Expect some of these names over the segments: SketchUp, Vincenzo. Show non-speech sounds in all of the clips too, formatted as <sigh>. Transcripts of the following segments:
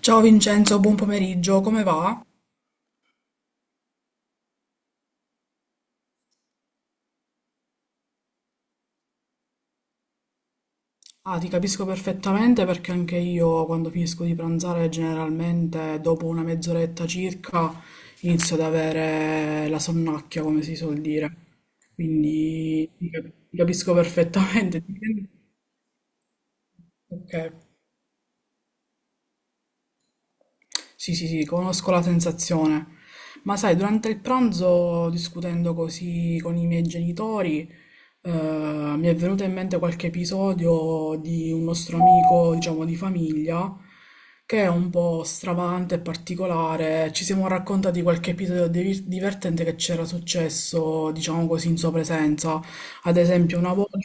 Ciao Vincenzo, buon pomeriggio, come va? Ah, ti capisco perfettamente perché anche io quando finisco di pranzare generalmente dopo una mezz'oretta circa inizio ad avere la sonnacchia, come si suol dire. Quindi ti capisco perfettamente. <laughs> Ok. Sì, sì, sì, conosco la sensazione. Ma sai, durante il pranzo, discutendo così con i miei genitori, mi è venuto in mente qualche episodio di un nostro amico, diciamo, di famiglia, che è un po' stravagante e particolare. Ci siamo raccontati qualche episodio divertente che c'era successo, diciamo così, in sua presenza. Ad esempio, una volta.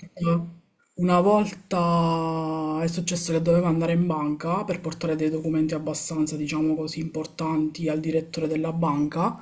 Una volta è successo che dovevo andare in banca per portare dei documenti abbastanza, diciamo così, importanti al direttore della banca.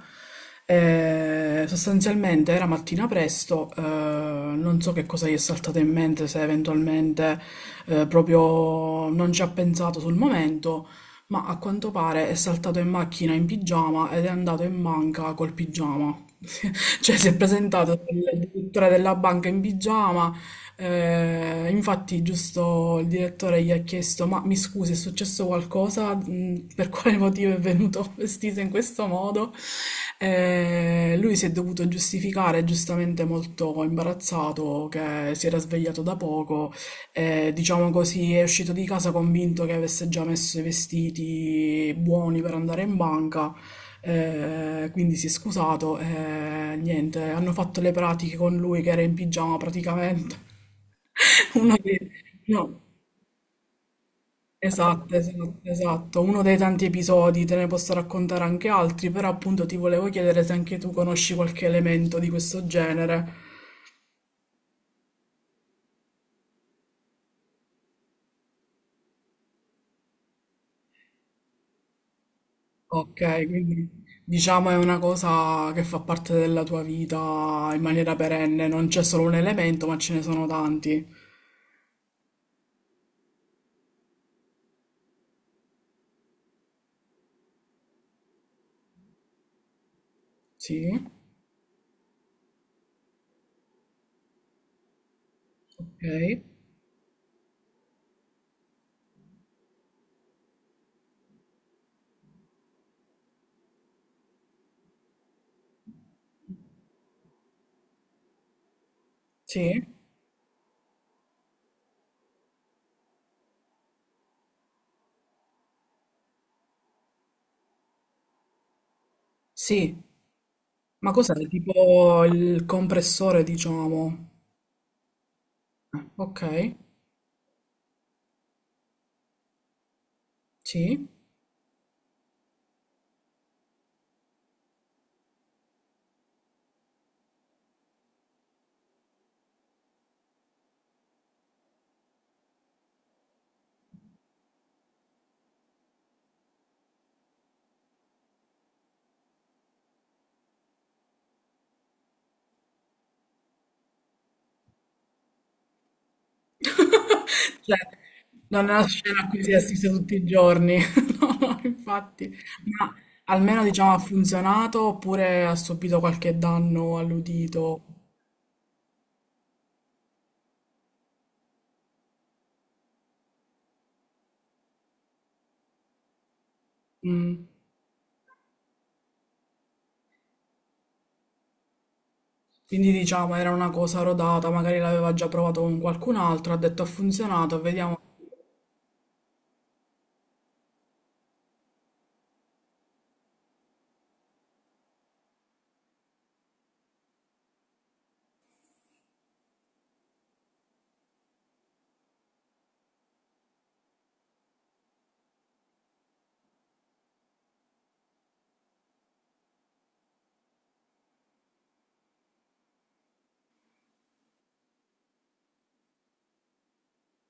Sostanzialmente era mattina presto, non so che cosa gli è saltato in mente, se eventualmente proprio non ci ha pensato sul momento, ma a quanto pare è saltato in macchina in pigiama ed è andato in banca col pigiama. <laughs> Cioè si è presentato il direttore della banca in pigiama infatti, giusto il direttore gli ha chiesto: Ma mi scusi, è successo qualcosa? Mm, per quale motivo è venuto <laughs> vestito in questo modo? Lui si è dovuto giustificare, giustamente molto imbarazzato, che si era svegliato da poco. Diciamo così, è uscito di casa convinto che avesse già messo i vestiti buoni per andare in banca. Quindi si è scusato e niente, hanno fatto le pratiche con lui che era in pigiama praticamente. <laughs> Uno dei, no, esatto, esatto, esatto, uno dei tanti episodi, te ne posso raccontare anche altri, però appunto ti volevo chiedere se anche tu conosci qualche elemento di questo genere. Ok, quindi diciamo è una cosa che fa parte della tua vita in maniera perenne, non c'è solo un elemento, ma ce ne sono tanti. Sì, ok, sì, sì, ma cos'è? Tipo il compressore, diciamo. Ok, sì. <laughs> Cioè, non è una scena a cui si assiste tutti i giorni. <laughs> No, no, infatti. Ma almeno diciamo ha funzionato oppure ha subito qualche danno all'udito. Mm. Quindi diciamo era una cosa rodata, magari l'aveva già provato con qualcun altro, ha detto ha funzionato, vediamo.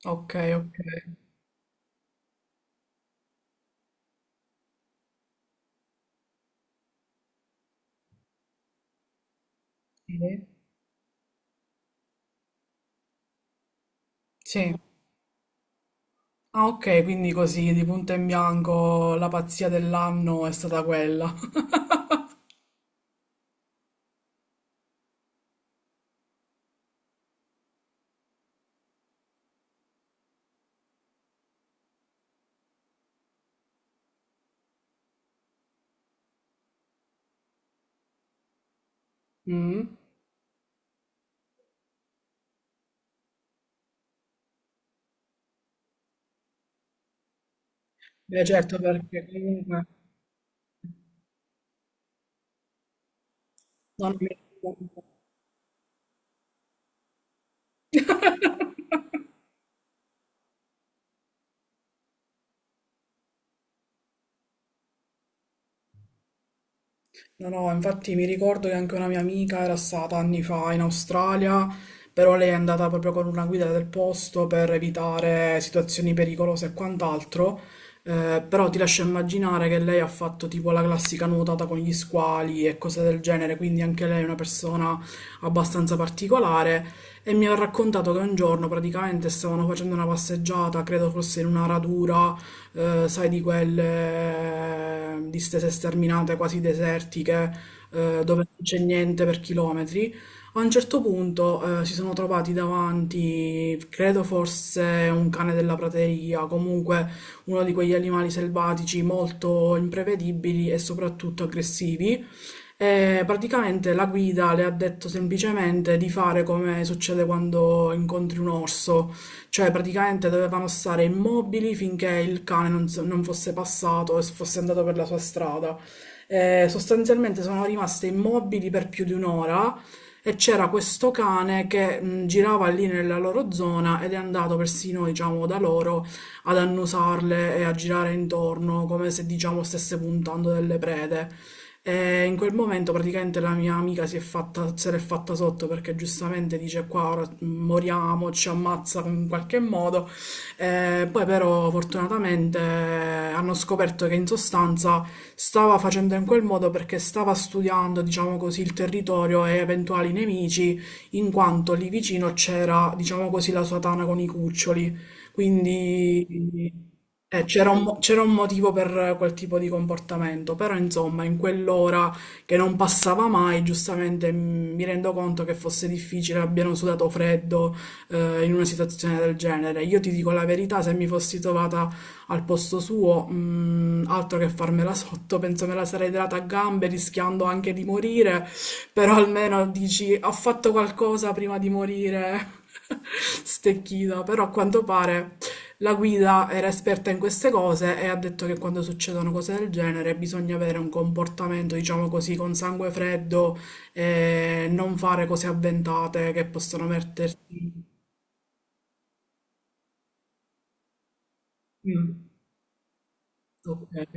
Ok, ok. Sì. Sì. Ah, ok, quindi così di punto in bianco la pazzia dell'anno è stata quella. <laughs> Mm. Beh, certo, perché comunque non mi. No, no, infatti mi ricordo che anche una mia amica era stata anni fa in Australia, però lei è andata proprio con una guida del posto per evitare situazioni pericolose e quant'altro. Però ti lascio immaginare che lei ha fatto tipo la classica nuotata con gli squali e cose del genere, quindi anche lei è una persona abbastanza particolare e mi ha raccontato che un giorno praticamente stavano facendo una passeggiata, credo fosse in una radura sai, di quelle distese sterminate quasi desertiche, dove non c'è niente per chilometri. A un certo punto si sono trovati davanti, credo forse un cane della prateria, comunque uno di quegli animali selvatici molto imprevedibili e soprattutto aggressivi, e praticamente la guida le ha detto semplicemente di fare come succede quando incontri un orso, cioè praticamente dovevano stare immobili finché il cane non fosse passato e fosse andato per la sua strada. E sostanzialmente sono rimaste immobili per più di un'ora e c'era questo cane che girava lì nella loro zona ed è andato persino, diciamo, da loro ad annusarle e a girare intorno come se, diciamo, stesse puntando delle prede. E in quel momento praticamente la mia amica se l'è fatta sotto perché giustamente dice qua ora moriamo, ci ammazza in qualche modo. Poi però fortunatamente hanno scoperto che in sostanza stava facendo in quel modo perché stava studiando, diciamo così, il territorio e eventuali nemici, in quanto lì vicino c'era, diciamo così, la sua tana con i cuccioli. Quindi c'era c'era un motivo per quel tipo di comportamento, però insomma, in quell'ora che non passava mai, giustamente mi rendo conto che fosse difficile, abbiano sudato freddo, in una situazione del genere. Io ti dico la verità, se mi fossi trovata al posto suo, altro che farmela <laughs> sotto, penso me la sarei data a gambe, rischiando anche di morire, però almeno dici, ho fatto qualcosa prima di morire. <laughs> Stecchita, però a quanto pare la guida era esperta in queste cose e ha detto che quando succedono cose del genere bisogna avere un comportamento, diciamo così, con sangue freddo e non fare cose avventate che possono metterti. Mm, ok.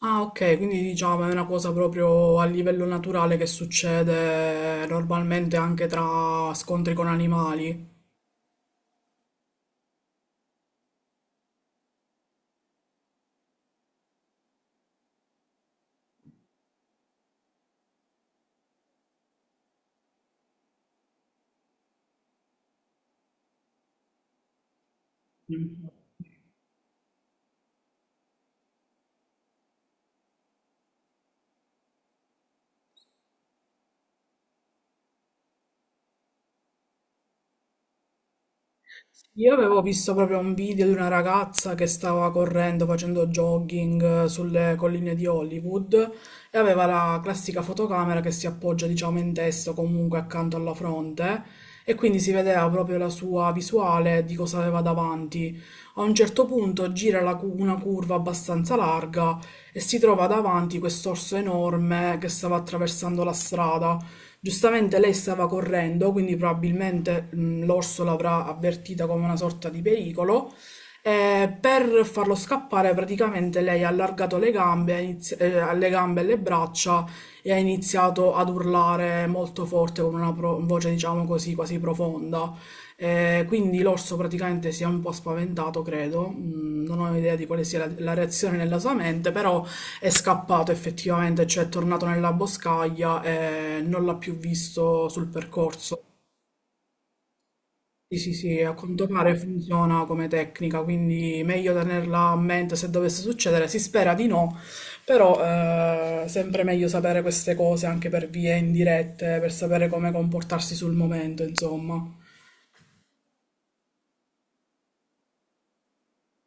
Ah, ok, quindi diciamo è una cosa proprio a livello naturale che succede normalmente anche tra scontri con animali. Io avevo visto proprio un video di una ragazza che stava correndo, facendo jogging sulle colline di Hollywood e aveva la classica fotocamera che si appoggia, diciamo, in testa o comunque accanto alla fronte e quindi si vedeva proprio la sua visuale di cosa aveva davanti. A un certo punto una curva abbastanza larga e si trova davanti quest'orso enorme che stava attraversando la strada. Giustamente lei stava correndo, quindi probabilmente l'orso l'avrà avvertita come una sorta di pericolo. E per farlo scappare, praticamente lei ha allargato le gambe, le gambe e le braccia e ha iniziato ad urlare molto forte con una voce, diciamo così, quasi profonda. Quindi l'orso praticamente si è un po' spaventato, credo. Mm, non ho idea di quale sia la reazione nella sua mente, però è scappato effettivamente, cioè è tornato nella boscaglia e non l'ha più visto sul percorso. Sì, sì, sì, a quanto pare funziona come tecnica, quindi meglio tenerla a mente se dovesse succedere. Si spera di no, però sempre meglio sapere queste cose anche per vie indirette, per sapere come comportarsi sul momento, insomma.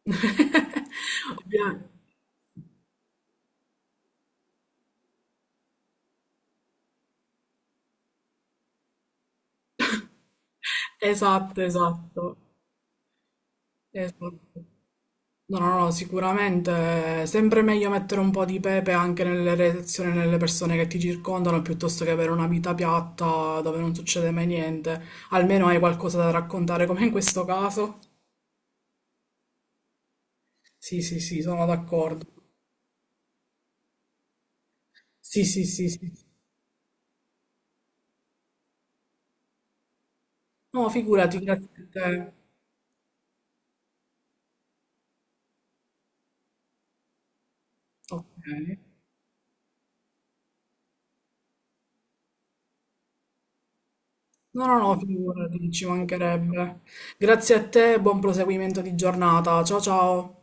<laughs> Ovvia- Esatto, esatto, esatto. No, no, no, sicuramente è sempre meglio mettere un po' di pepe anche nelle relazioni, nelle persone che ti circondano, piuttosto che avere una vita piatta dove non succede mai niente. Almeno hai qualcosa da raccontare, come in questo caso. Sì, sì, sì, sono d'accordo. Sì, sì, sì, sì. No, figurati, grazie a te. Ok. No, no, no, figurati, ci mancherebbe. Grazie a te, buon proseguimento di giornata. Ciao, ciao.